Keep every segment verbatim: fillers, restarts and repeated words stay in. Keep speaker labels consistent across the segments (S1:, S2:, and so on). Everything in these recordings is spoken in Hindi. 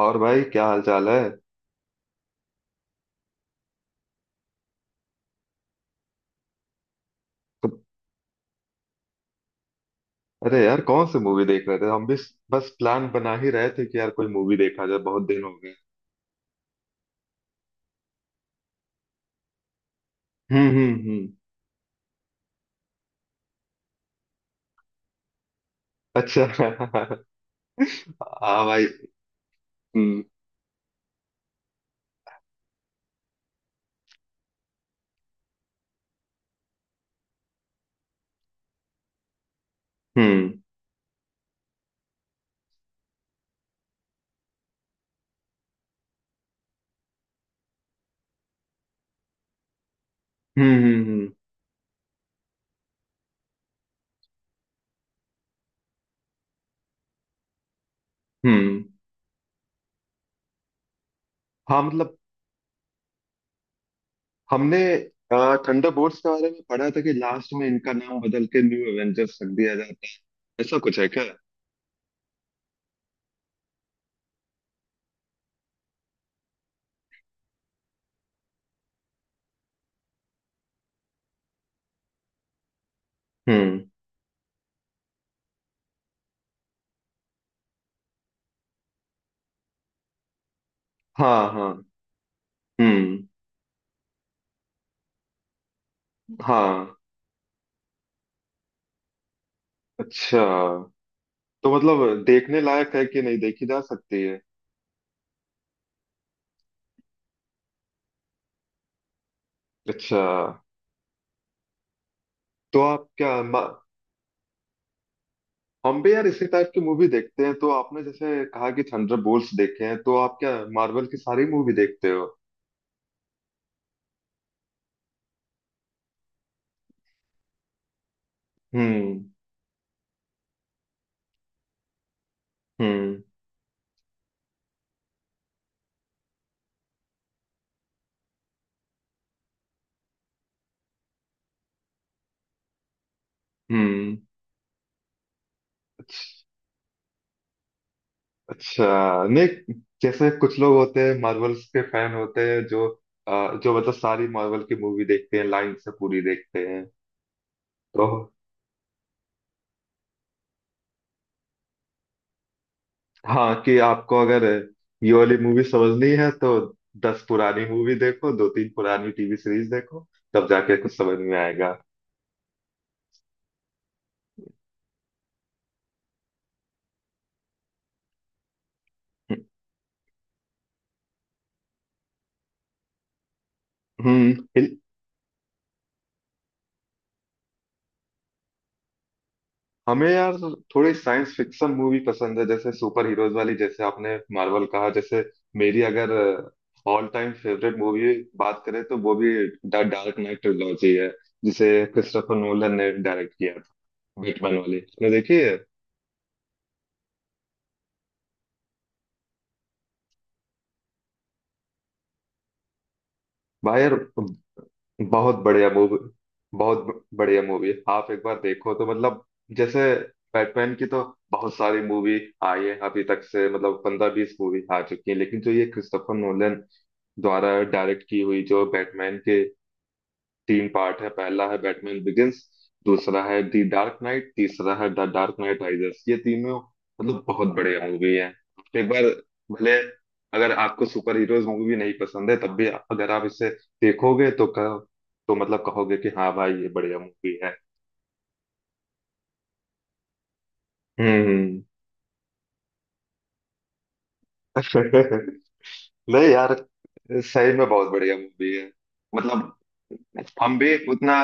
S1: और भाई, क्या हाल चाल है? तो, अरे यार, कौन सी मूवी देख रहे थे, हम भी? बस प्लान बना ही रहे थे कि यार कोई मूवी देखा जाए, बहुत दिन हो गए। हम्म, हम्म, हम्म। अच्छा। हाँ भाई। हम्म, हम्म, हम्म। हम्म, हम्म, हम्म। हाँ मतलब हमने थंडरबोल्ट्स के बारे में पढ़ा था कि लास्ट में इनका नाम बदल के न्यू एवेंजर्स रख दिया जाता है, ऐसा कुछ है क्या? हम्म। हाँ, हाँ। हम्म। हाँ। अच्छा। तो मतलब देखने लायक है कि नहीं, देखी जा सकती है? अच्छा। तो आप क्या म- हम भी यार इसी टाइप की मूवी देखते हैं, तो आपने जैसे कहा कि थंडरबोल्ट्स देखे हैं, तो आप क्या मार्वल की सारी मूवी देखते हो? हम्म, हम्म, हम्म। अच्छ- अच्छा। नहीं, जैसे कुछ लोग होते हैं, मार्वल्स के फैन होते हैं, जो अ, जो मतलब सारी मार्वल की मूवी देखते हैं, लाइन से पूरी देखते हैं। तो हाँ, कि आपको अगर ये वाली मूवी समझनी है तो दस पुरानी मूवी देखो, दो तीन पुरानी टी वी सीरीज देखो, तब जाके कुछ समझ में आएगा। हम्म। हिल- हमें यार थोड़ी साइंस फिक्शन मूवी पसंद है, जैसे सुपर हीरोज वाली, जैसे आपने मार्वल कहा, जैसे मेरी अगर ऑल टाइम फेवरेट मूवी बात करें, तो वो भी द डार्क नाइट ट्रिलॉजी है, जिसे क्रिस्टोफर नोलन ने डायरेक्ट किया था। बैटमैन वाली आपने देखी है? भाई यार, बहुत बढ़िया मूवी। बहुत ब- बढ़िया मूवी, आप एक बार देखो तो मतलब, जैसे बैटमैन की तो बहुत सारी मूवी आई है अभी तक, से मतलब पंद्रह बीस मूवी आ चुकी है, लेकिन जो ये क्रिस्टोफर नोलन द्वारा डायरेक्ट की हुई, जो बैटमैन के तीन पार्ट है, पहला है बैटमैन बिगिंस, दूसरा है दी डार्क नाइट, तीसरा है द डार्क नाइट राइजेस, ये तीनों मतलब बहुत बढ़िया मूवी है। एक बार भले अगर आपको सुपर हीरोज मूवी नहीं पसंद है, तब भी अगर आप इसे देखोगे तो कह, तो मतलब कहोगे कि हाँ भाई ये बढ़िया मूवी है। हम्म। नहीं यार, सही में बहुत बढ़िया मूवी है, मतलब हम भी उतना।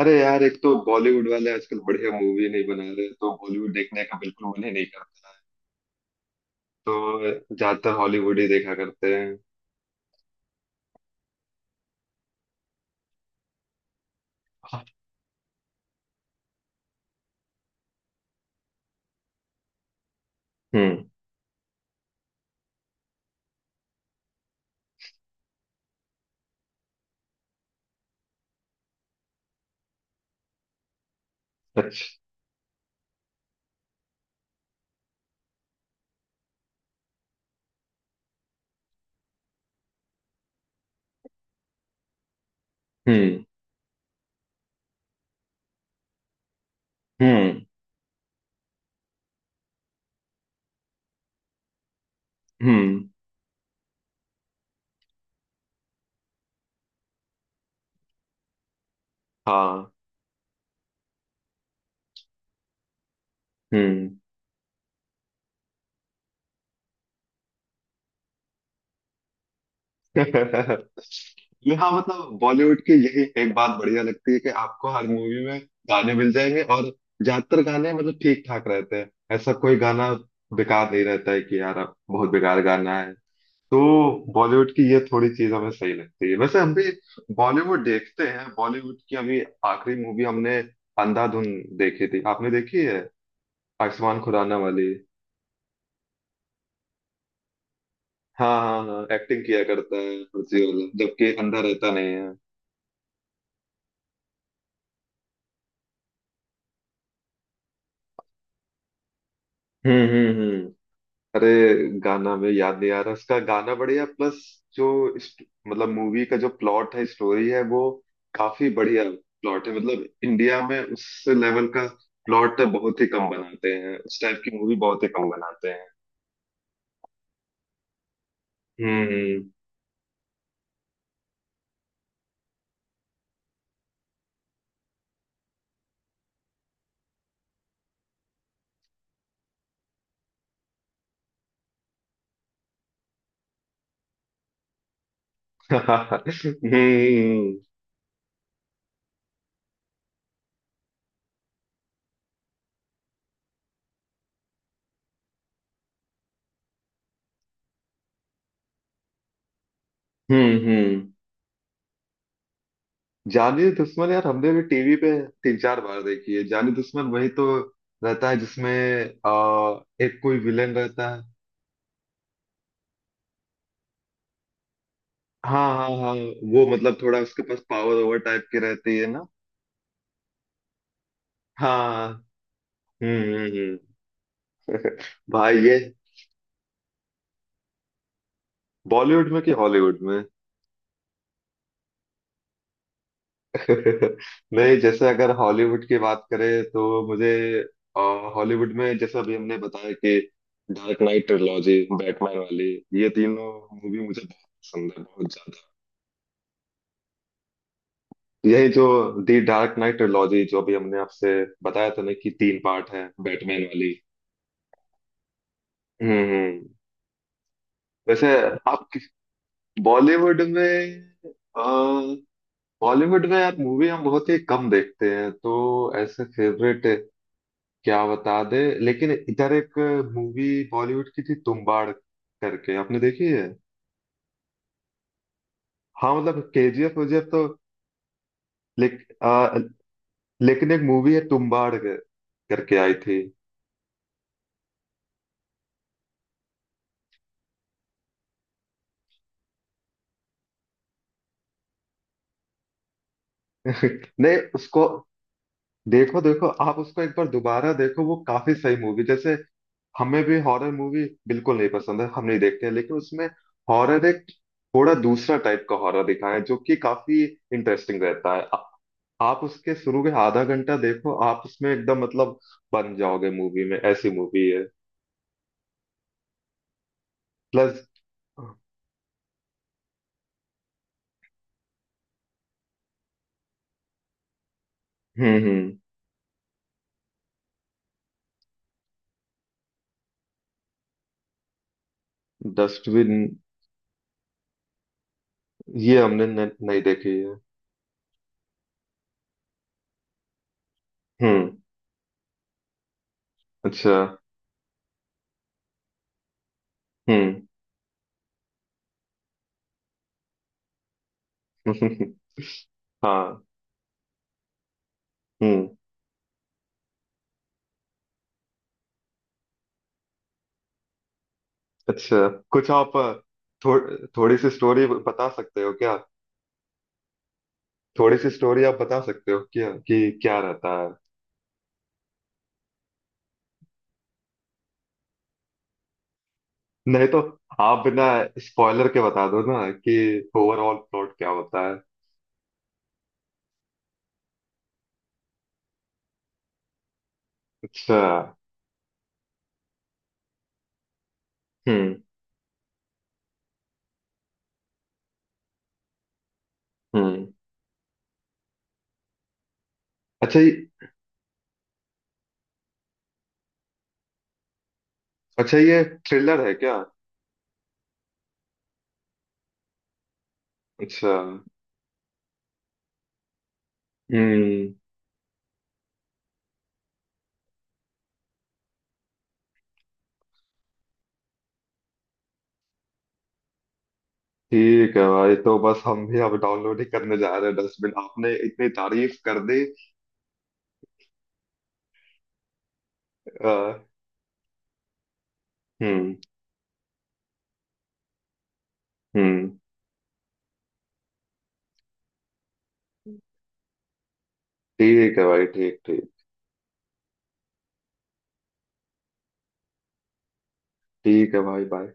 S1: अरे यार, एक तो बॉलीवुड वाले आजकल बढ़िया मूवी नहीं बना रहे, तो बॉलीवुड देखने का बिल्कुल मन ही नहीं करता है, तो ज्यादातर हॉलीवुड ही देखा करते हैं। हम्म। अच्छा। हम्म, हम्म, हम्म। हाँ। हम्म। नहीं, हाँ मतलब बॉलीवुड की यही एक बात बढ़िया लगती है कि आपको हर मूवी में गाने मिल जाएंगे, और ज्यादातर गाने मतलब ठीक ठाक रहते हैं, ऐसा कोई गाना बेकार नहीं रहता है कि यार अब बहुत बेकार गाना है तो, बॉलीवुड की ये थोड़ी चीज हमें सही लगती है, वैसे हम भी बॉलीवुड देखते हैं, बॉलीवुड की अभी आखिरी मूवी हमने अंधाधुन देखी थी, आपने देखी है आयुष्मान खुराना वाली? हाँ, हाँ, हाँ, एक्टिंग किया करता है कुर्सी वाला, जबकि अंधा रहता नहीं है। हम्म, हम्म, हम्म। अरे गाना में याद नहीं आ रहा, उसका गाना बढ़िया प्लस, जो इस- मतलब मूवी का जो प्लॉट है, स्टोरी है, वो काफी बढ़िया प्लॉट है, मतलब इंडिया में उस लेवल का प्लॉट बहुत ही कम बनाते हैं, उस टाइप की मूवी बहुत ही कम बनाते हैं। हम्म। हम्म, हम्म, हम्म। जानी दुश्मन यार, हमने भी टीवी पे तीन चार बार देखी है जानी दुश्मन, वही तो रहता है जिसमें आ, एक कोई विलेन रहता है। हाँ, हाँ, हाँ। वो मतलब थोड़ा उसके पास पावर ओवर टाइप की रहती है ना। हाँ। हम्म, हम्म, हम्म। भाई ये बॉलीवुड में कि हॉलीवुड में? नहीं, जैसे अगर हॉलीवुड की बात करें तो मुझे अ, हॉलीवुड में जैसे अभी हमने बताया कि डार्क नाइट ट्रिलॉजी बैटमैन वाली ये तीनों मूवी मुझे बहुत पसंद है, बहुत ज्यादा। यही जो दी डार्क नाइट ट्रिलॉजी, जो अभी हमने आपसे बताया था ना कि तीन पार्ट है, बैटमैन वाली। हम्म, हम्म। वैसे आप बॉलीवुड में अ, बॉलीवुड में यार मूवी हम बहुत ही कम देखते हैं, तो ऐसे फेवरेट क्या बता दे, लेकिन इधर एक मूवी बॉलीवुड की थी तुम्बाड़ करके, आपने देखी है? हाँ मतलब के जी एफ वजीएफ तो लेक, अ, लेकिन एक मूवी है तुम्बाड़ कर- करके आई थी। नहीं उसको देखो, देखो आप उसको एक बार दोबारा देखो, वो काफी सही मूवी, जैसे हमें भी हॉरर मूवी बिल्कुल नहीं पसंद है, हम नहीं देखते हैं, लेकिन उसमें हॉरर एक थोड़ा दूसरा टाइप का हॉरर दिखाया है, जो कि काफी इंटरेस्टिंग रहता है, आ, आप उसके शुरू के आधा घंटा देखो, आप उसमें एकदम मतलब बन जाओगे मूवी में, ऐसी मूवी है। प्लस। हम्म, हम्म। डस्टबिन। ये हमने न, नहीं देखी है। हम्म। अच्छा। हम्म। हाँ। हम्म। अच्छा कुछ आप थो, थोड़ी सी स्टोरी बता सकते हो क्या? थोड़ी सी स्टोरी आप बता सकते हो क्या कि क्या रहता है? नहीं तो आप बिना स्पॉइलर के बता दो ना कि ओवरऑल प्लॉट क्या होता है। अच्छा। हम्म, हम्म। अच्छा ये। अच्छा, ये थ्रिलर है क्या? अच्छा। हम्म। ठीक है भाई, तो बस हम भी अब डाउनलोड ही करने जा रहे हैं, डस्टबिन आपने इतनी तारीफ कर दी। अ, हम्म, हम्म। ठीक है भाई, ठीक ठीक। ठीक है भाई, बाय।